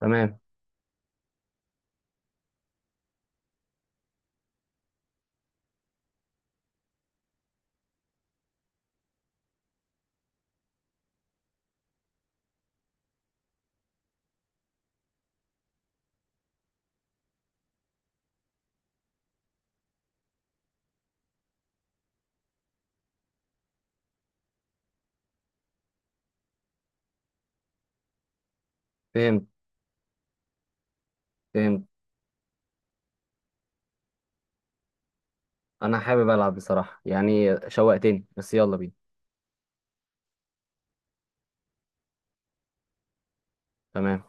تمام. فهمت، فهمت. انا حابب العب بصراحه، يعني شوقتني، بس يلا بينا. تمام.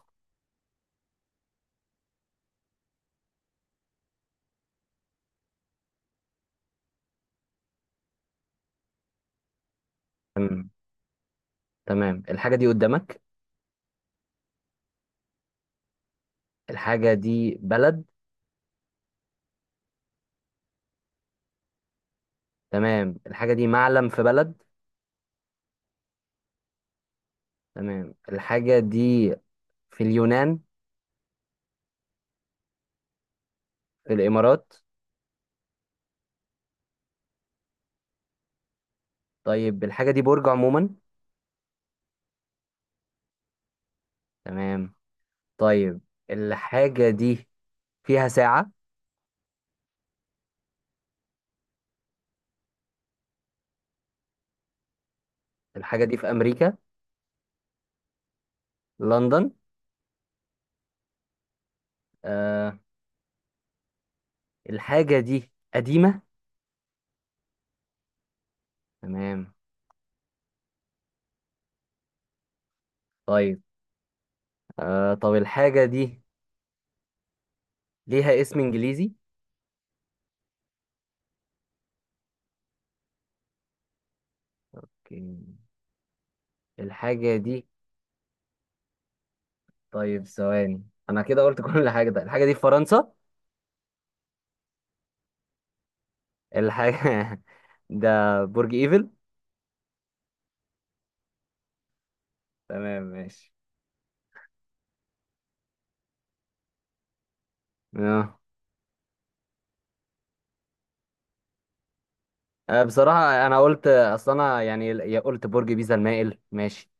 تمام. تمام، الحاجه دي قدامك؟ الحاجه دي بلد؟ تمام، الحاجه دي معلم في بلد؟ تمام، الحاجه دي في اليونان؟ في الامارات؟ طيب الحاجه دي برج عموما؟ تمام. طيب، الحاجه دي فيها ساعه؟ الحاجه دي في امريكا؟ لندن؟ آه. الحاجه دي قديمه؟ تمام. طيب، طب الحاجه دي ليها اسم انجليزي؟ اوكي، الحاجة دي، طيب ثواني. انا كده قلت كل حاجة. ده الحاجة دي في فرنسا؟ الحاجة ده برج ايفل؟ تمام، ماشي. اه. بصراحة انا قلت، اصل انا يعني، يا قلت برج بيزا المائل، ماشي،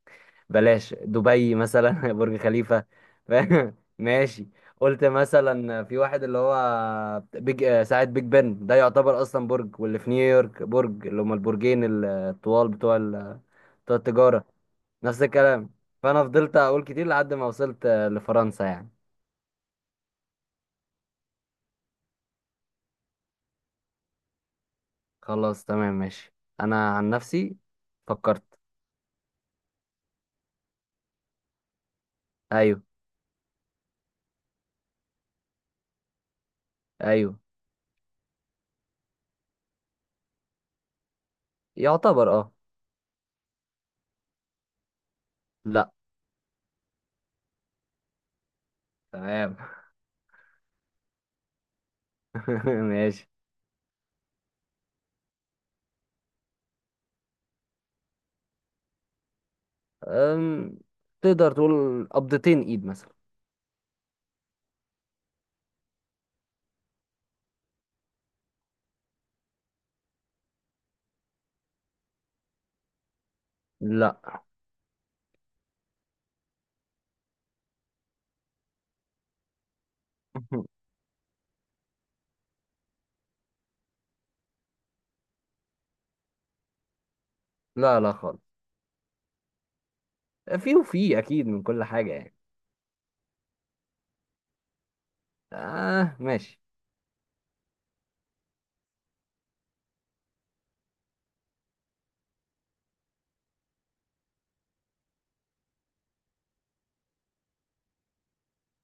بلاش دبي مثلا برج خليفة. فاهم؟ ماشي. قلت مثلا في واحد اللي هو بيج، ساعة بيج بن، ده يعتبر اصلا برج، واللي في نيويورك، برج اللي هما البرجين الطوال بتوع بتوع التجارة، نفس الكلام. فانا فضلت اقول كتير لحد ما وصلت، لفرنسا يعني. خلاص تمام، ماشي. انا عن نفسي فكرت. ايوه، ايوه. يعتبر اه. لا. تمام. ماشي. أم... تقدر تقول قبضتين ايد مثلا. لا. لا لا خالص. في، وفي اكيد من كل حاجة يعني. اه ماشي.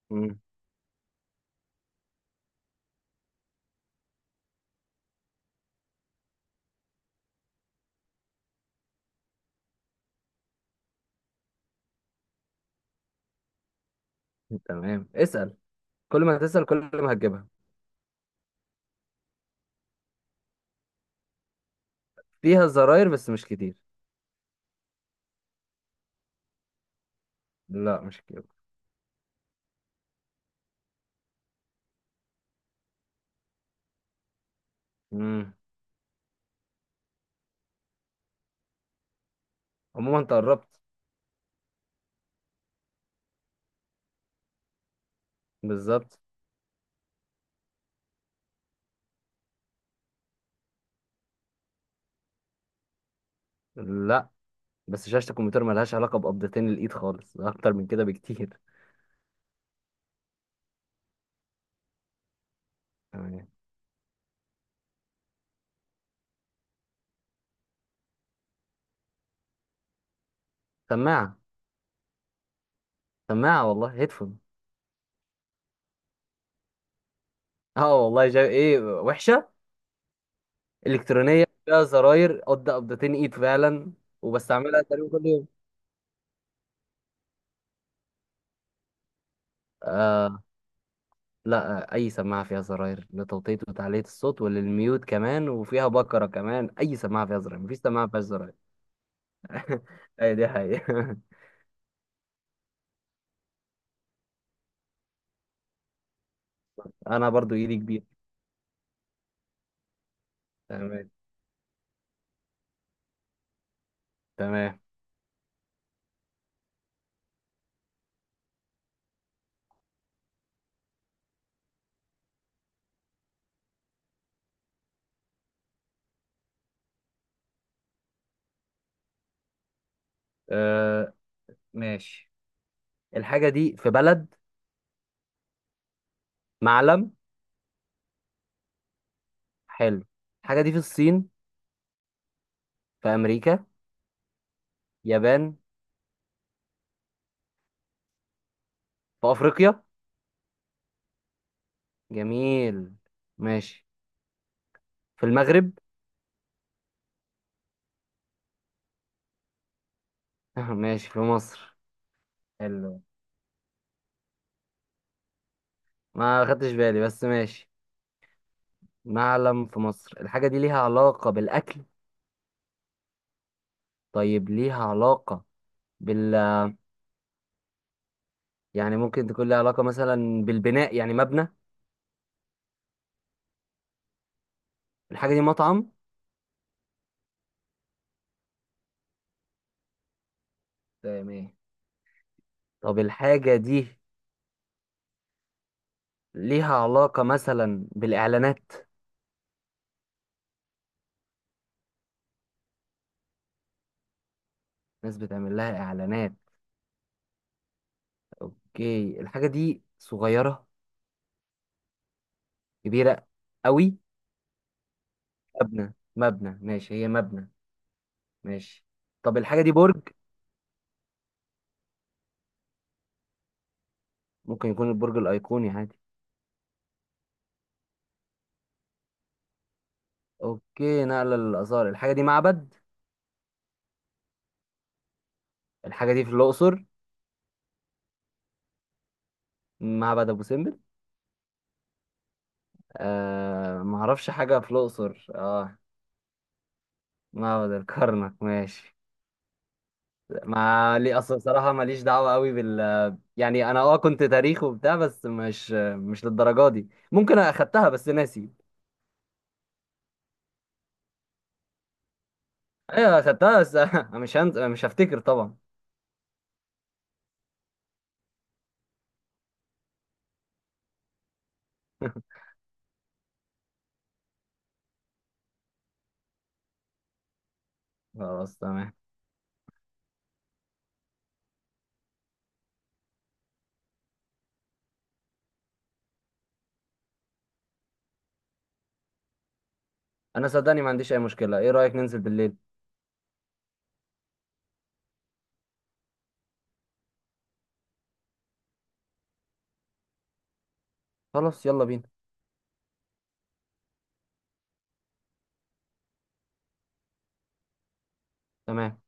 مم. تمام، اسأل. كل ما تسأل كل ما هتجيبها. فيها زراير بس مش كتير. لا مش كتير. مم. عموما انت قربت. بالظبط. لا، بس شاشة الكمبيوتر ملهاش علاقة بقبضتين الإيد خالص، ده أكتر من كده بكتير. تمام. سماعة. سماعة والله، هيدفون. اه والله، جاي ايه وحشة. إلكترونية، فيها زراير قد قبضتين إيد فعلا، وبستعملها تقريبا كل يوم. آه. لا، أي سماعة فيها زراير لتوطية وتعلية الصوت وللميوت كمان، وفيها بكرة كمان. أي سماعة فيها زراير، مفيش سماعة فيهاش زراير. أي دي حقيقة. أنا برضو إيدي كبيرة. تمام، تمام. آه ماشي. الحاجة دي في بلد؟ معلم؟ حلو. الحاجة دي في الصين؟ في أمريكا؟ يابان؟ في أفريقيا؟ جميل، ماشي. في المغرب؟ ماشي، في مصر. حلو. ما خدتش بالي، بس ماشي. معلم في مصر. الحاجة دي ليها علاقة بالأكل؟ طيب ليها علاقة بال، يعني ممكن تكون ليها علاقة مثلا بالبناء، يعني مبنى. الحاجة دي مطعم؟ تمام. طب الحاجة دي ليها علاقة مثلا بالإعلانات؟ ناس بتعمل لها إعلانات. اوكي، الحاجة دي صغيرة؟ كبيرة قوي؟ مبنى، مبنى ماشي، هي مبنى، ماشي. طب الحاجة دي برج؟ ممكن يكون البرج الأيقوني عادي. اوكي، نقلة للآثار. الحاجة دي معبد. الحاجة دي في الأقصر. معبد أبو سمبل؟ آه ما اعرفش حاجة في الأقصر، اه. معبد الكرنك؟ ماشي. ما لي اصل صراحة ماليش دعوة قوي بال، يعني انا اه كنت تاريخ وبتاع، بس مش للدرجة دي. ممكن اخدتها بس ناسي. ايوه صدقني، بس أنا مش هفتكر طبعا. خلاص تمام. انا صدقني ما عنديش اي مشكلة، ايه رأيك ننزل بالليل؟ خلاص يلا بينا. تمام.